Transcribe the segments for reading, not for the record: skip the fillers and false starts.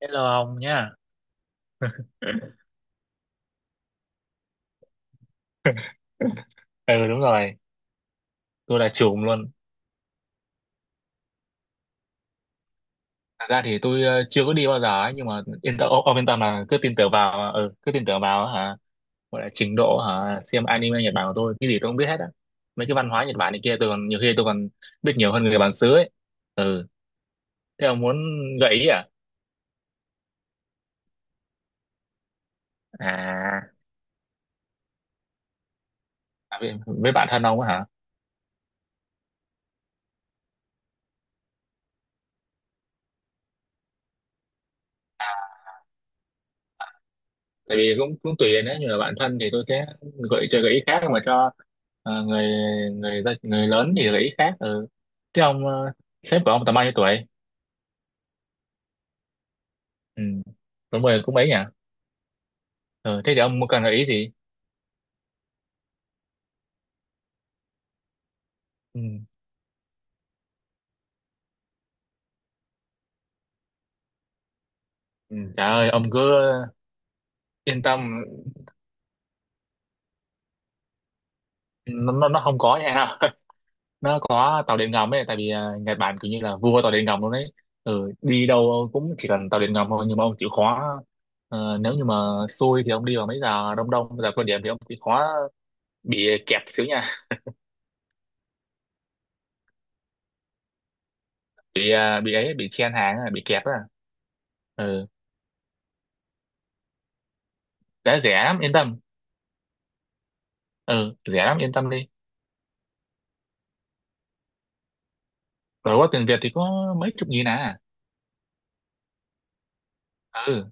Hello ông nhá. Ừ, đúng rồi, tôi là trùm luôn. Thật ra thì tôi chưa có đi bao giờ ấy, nhưng mà yên tâm ông yên tâm là cứ tin tưởng vào ừ, cứ tin tưởng vào hả? Gọi là trình độ xem anime Nhật Bản của tôi, cái gì tôi cũng biết hết á. Mấy cái văn hóa Nhật Bản này kia tôi còn, nhiều khi tôi còn biết nhiều hơn người bản xứ ấy. Ừ, thế ông muốn gợi ý à? À, à, với bạn thân ông á. Tại vì cũng cũng tùy đấy, như là bạn thân thì tôi sẽ gợi ý khác, mà cho người người gia- người lớn thì gợi ý khác. Ừ. Thế sếp của ông tầm bao nhiêu tuổi? Ừ. Cũng mười cũng mấy nhỉ? Ừ. Thế thì ông cần gợi ý gì? Ừ. Ừ. Trời ơi, ông cứ yên tâm, nó không có nha. Nó có tàu điện ngầm ấy, tại vì Nhật Bản kiểu như là vua tàu điện ngầm luôn đấy. Ừ. Đi đâu cũng chỉ cần tàu điện ngầm thôi, nhưng mà ông chịu khó. Ờ, nếu như mà xui thì ông đi vào mấy giờ đông, đông giờ cao điểm, thì ông chịu khó bị kẹp xíu nha. Bị chen hàng à, bị kẹp à. Ừ, đã rẻ lắm, yên tâm. Ừ, rẻ lắm, yên tâm đi. Rồi qua tiền Việt thì có mấy chục nghìn à. Ừ,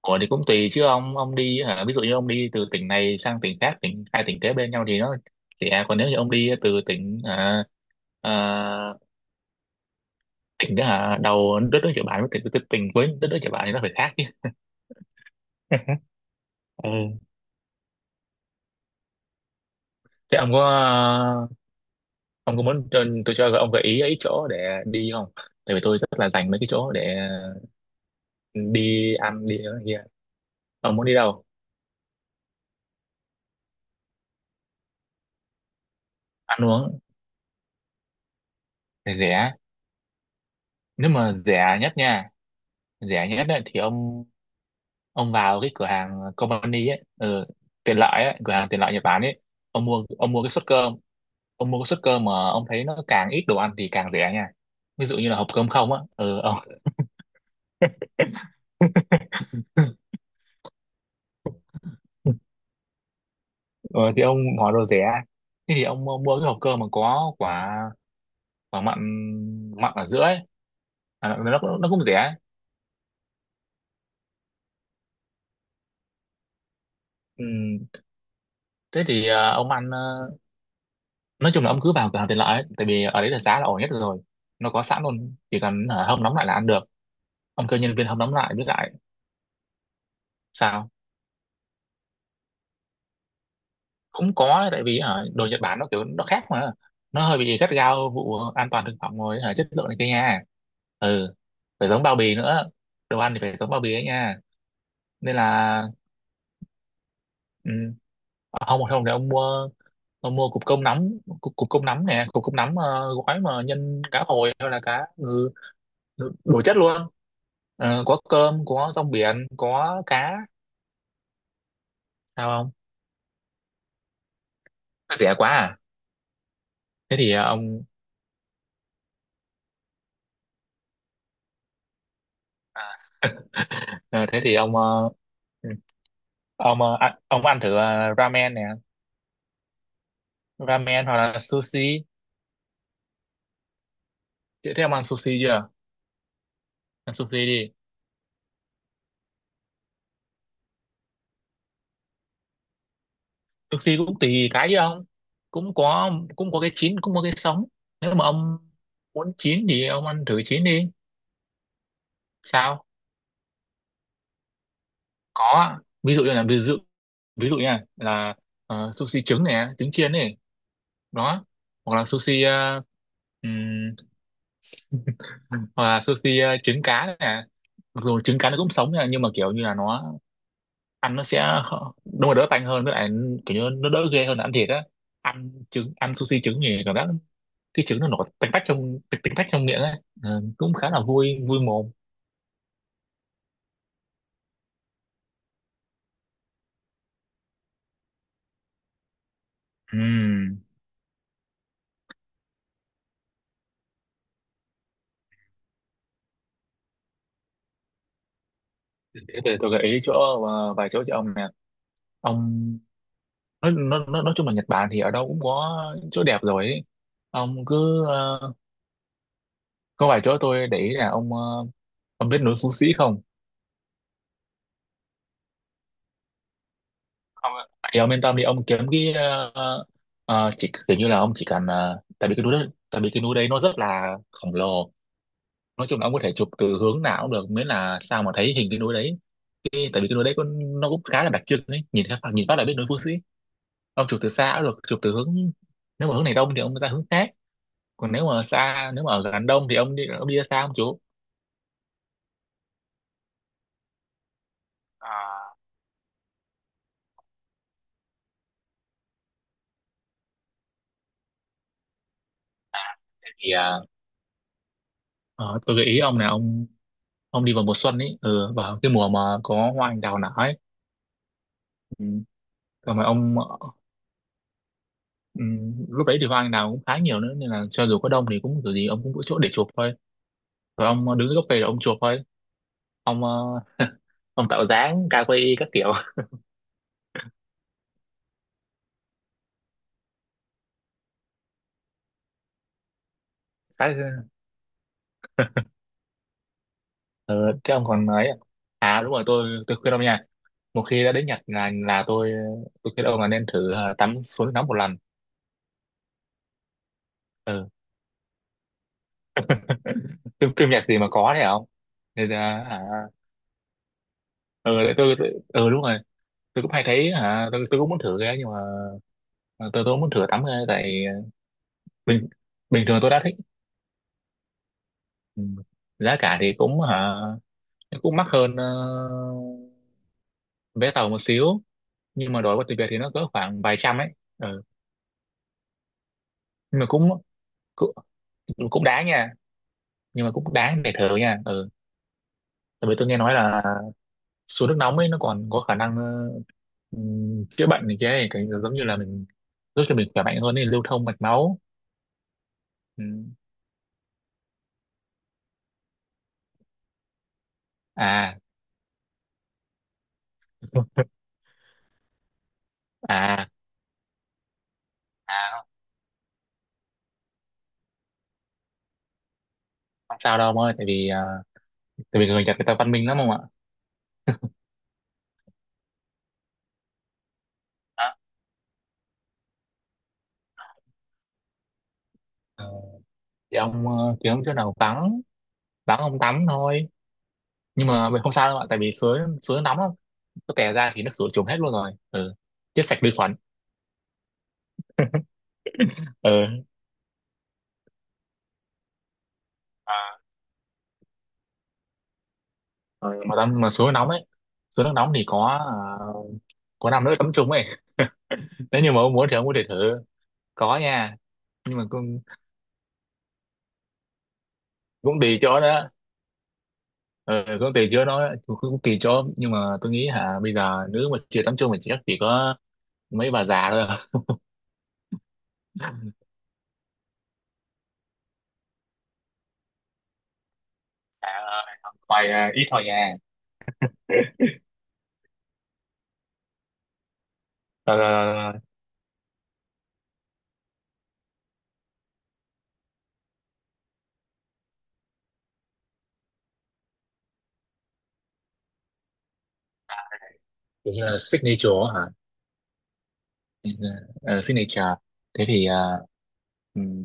của thì cũng tùy chứ ông đi ví dụ như ông đi từ tỉnh này sang tỉnh khác, hai tỉnh kế bên nhau thì nó rẻ, còn nếu như ông đi từ à, tỉnh đó đầu đất nước Nhật Bản với tỉnh tỉnh tỉnh cuối đất nước Nhật Bản thì nó phải khác chứ. Ừ, thế ông có ông có muốn tôi cho ông gợi ý ấy chỗ để đi không? Tại vì tôi rất là dành mấy cái chỗ để đi ăn đi ở kia. Ông muốn đi đâu ăn uống? Thì rẻ, nếu mà rẻ nhất nha. Rẻ nhất ấy, thì ông vào cái cửa hàng company ấy, tiện lợi ấy, cửa hàng tiện lợi Nhật Bản ấy. Ông mua cái suất cơm, ông mua cái suất cơm mà ông thấy nó càng ít đồ ăn thì càng rẻ nha. Ví dụ như là hộp cơm không á. Ừ, ông Ừ, thì ông hỏi đồ rẻ. Thế thì ông mua mua cái hộp cơm mà có quả quả mặn mặn ở giữa ấy. Nó cũng rẻ. Ừ, thế thì nói chung là ông cứ vào cửa hàng tiện lợi ấy, tại vì ở đấy là giá là ổn nhất rồi. Nó có sẵn luôn, chỉ cần hâm nóng lại là ăn được. Ông kêu nhân viên hâm nóng lại với lại. Sao? Cũng có, tại vì đồ Nhật Bản nó kiểu nó khác mà. Nó hơi bị gắt gao vụ an toàn thực phẩm rồi, chất lượng này kia nha. Ừ, phải giống bao bì nữa, đồ ăn thì phải giống bao bì ấy nha. Nên là. Ừ. không không thì ông mua, ông mua cục cơm nắm, cục cơm nắm nè, cục cơm nắm ờ, gói mà nhân cá hồi hay là cá ngừ. Đủ đủ chất luôn. Ờ, có cơm, có rong biển, có cá. Sao không? Rẻ quá à? Thế thì à, ông ừ, ông ăn thử ramen nè, ramen hoặc là sushi. Thế ông ăn sushi chưa? Ăn sushi đi. Sushi cũng tùy cái chứ ông, cũng có cái chín, cũng có cái sống. Nếu mà ông muốn chín thì ông ăn thử chín đi. Sao? Có. Ví dụ như là ví dụ nha là sushi trứng nè, trứng chiên này. Đó, hoặc là ừm, hoặc là sushi trứng cá này nè. Mặc dù trứng cá nó cũng sống nha, nhưng mà kiểu như là nó ăn nó sẽ khó- đúng là đỡ tanh hơn, với lại kiểu như nó đỡ ghê hơn là ăn thịt á. Ăn sushi trứng thì cảm giác cái trứng nó nổi tanh tách trong miệng ấy. Ờ, cũng khá là vui vui mồm. Ừm. Thế thì tôi gợi ý vài chỗ cho ông nè. Ông nói chung là Nhật Bản thì ở đâu cũng có chỗ đẹp rồi ấy. Ông cứ, có vài chỗ tôi để ý là ông biết núi Phú Sĩ không? Không ạ. Thì ông yên tâm đi, ông kiếm cái chỉ kiểu như là ông tại vì cái núi đó, tại vì cái núi đấy nó rất là khổng lồ. Nói chung là ông có thể chụp từ hướng nào cũng được, miễn là sao mà thấy hình cái núi đấy. Tại vì cái núi đấy có, nó cũng khá là đặc trưng đấy, nhìn phát là biết núi Phú Sĩ. Ông chụp từ xa cũng được, chụp từ hướng, nếu mà hướng này đông thì ông ra hướng khác, còn nếu mà ở gần đông thì ông đi ra xa, ông chú. À, thế thì tôi gợi ý ông là ông đi vào mùa xuân ấy, vào cái mùa mà có hoa anh đào nở ấy. Ừ, còn mà ừ, lúc đấy thì hoa anh đào cũng khá nhiều nữa, nên là cho dù có đông thì cũng kiểu gì ông cũng có chỗ để chụp thôi. Rồi ông đứng dưới gốc cây rồi ông chụp thôi. ông ờ, ông tạo dáng ca quay các kiểu. Khá. Ừ, thế ông còn nói à? À đúng rồi, tôi khuyên ông nha, một khi đã đến Nhật là tôi khuyên ông là nên thử tắm suối nóng một lần. Ừ. Phim Nhật gì mà có thế không? Thì, ừ, đúng rồi, tôi cũng hay thấy, tôi cũng muốn thử cái, nhưng mà tôi cũng muốn thử tắm cái, tại bình bình thường tôi đã thích. Ừ, giá cả thì cũng cũng mắc hơn vé tàu một xíu, nhưng mà đổi qua tiền Việt thì nó cỡ khoảng vài trăm ấy. Ừ, nhưng mà cũng, cũng cũng đáng nha, nhưng mà cũng đáng để thử nha. Ừ, tại vì tôi nghe nói là xuống nước nóng ấy nó còn có khả năng chữa bệnh này kia ấy, cái giống như là mình giúp cho mình khỏe mạnh hơn, nên lưu thông mạch máu. Ừ. à à à Không sao đâu ông ơi, tại vì tại vì người Nhật người ta văn minh lắm, không ạ. Đó. Ờ, thì ông kiếm chỗ nào vắng, ông tắm thôi, nhưng mà mình không sao đâu ạ, tại vì suối suối nóng lắm. Có tè ra thì nó khử trùng hết luôn rồi. Ừ, chết sạch vi khuẩn. Ừ. Rồi mà tắm mà suối nóng ấy, suối nước nóng thì có có năm nước tắm chung ấy. Nếu như mà ông muốn thì ông có thể thử. Có nha, nhưng mà cũng cũng tùy chỗ đó. Ừ, cũng tùy chỗ đó, cũng, cũng tùy chỗ nhưng mà tôi nghĩ bây giờ nữ mà chưa tắm chung thì chắc chỉ có mấy bà già thôi. Dạ ơi, học hoài à, ít thôi nha. Ờ, kiểu như là signature hả? Ờ, signature. Thế thì ừm,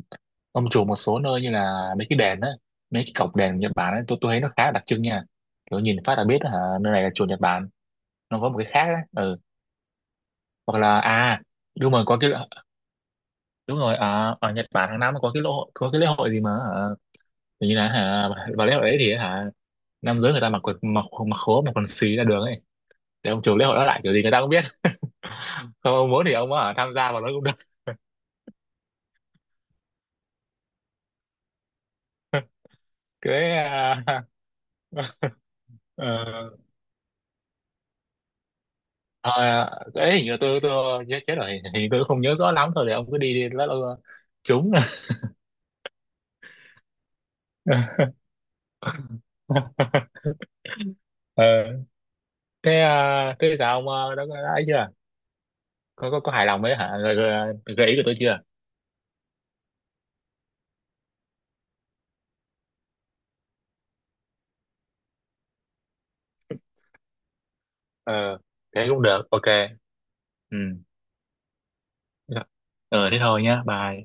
ông chủ một số nơi như là mấy cái đền á, mấy cái cổng đền Nhật Bản ấy, tôi thấy nó khá là đặc trưng nha. Kiểu nhìn phát là biết đó, nơi này là chùa Nhật Bản. Nó có một cái khác á. Ừ. Hoặc là đúng rồi, có cái, đúng rồi, ở Nhật Bản hàng năm có có cái lễ hội gì mà hả? Kiểu như là, vào lễ hội đấy thì nam giới người ta mặc quần, mặc mặc khố, mặc quần xì ra đường ấy. Để ông chủ lễ hội đó lại kiểu gì người ta cũng biết. Không, ông muốn thì ông tham gia vào nó cũng được. Cái à, ờ, ờ, Cái hình như tôi nhớ chết rồi, hình hình như tôi không nhớ rõ lắm thôi, thì ông cứ đi đi lỡ đâu trúng. Ờ, thế sao ông đã ấy chưa, có hài lòng với gợi ý của tôi chưa? Ờ, thế cũng được, ok. Ừ. Dạ. Ờ, thế thôi nhá, bye.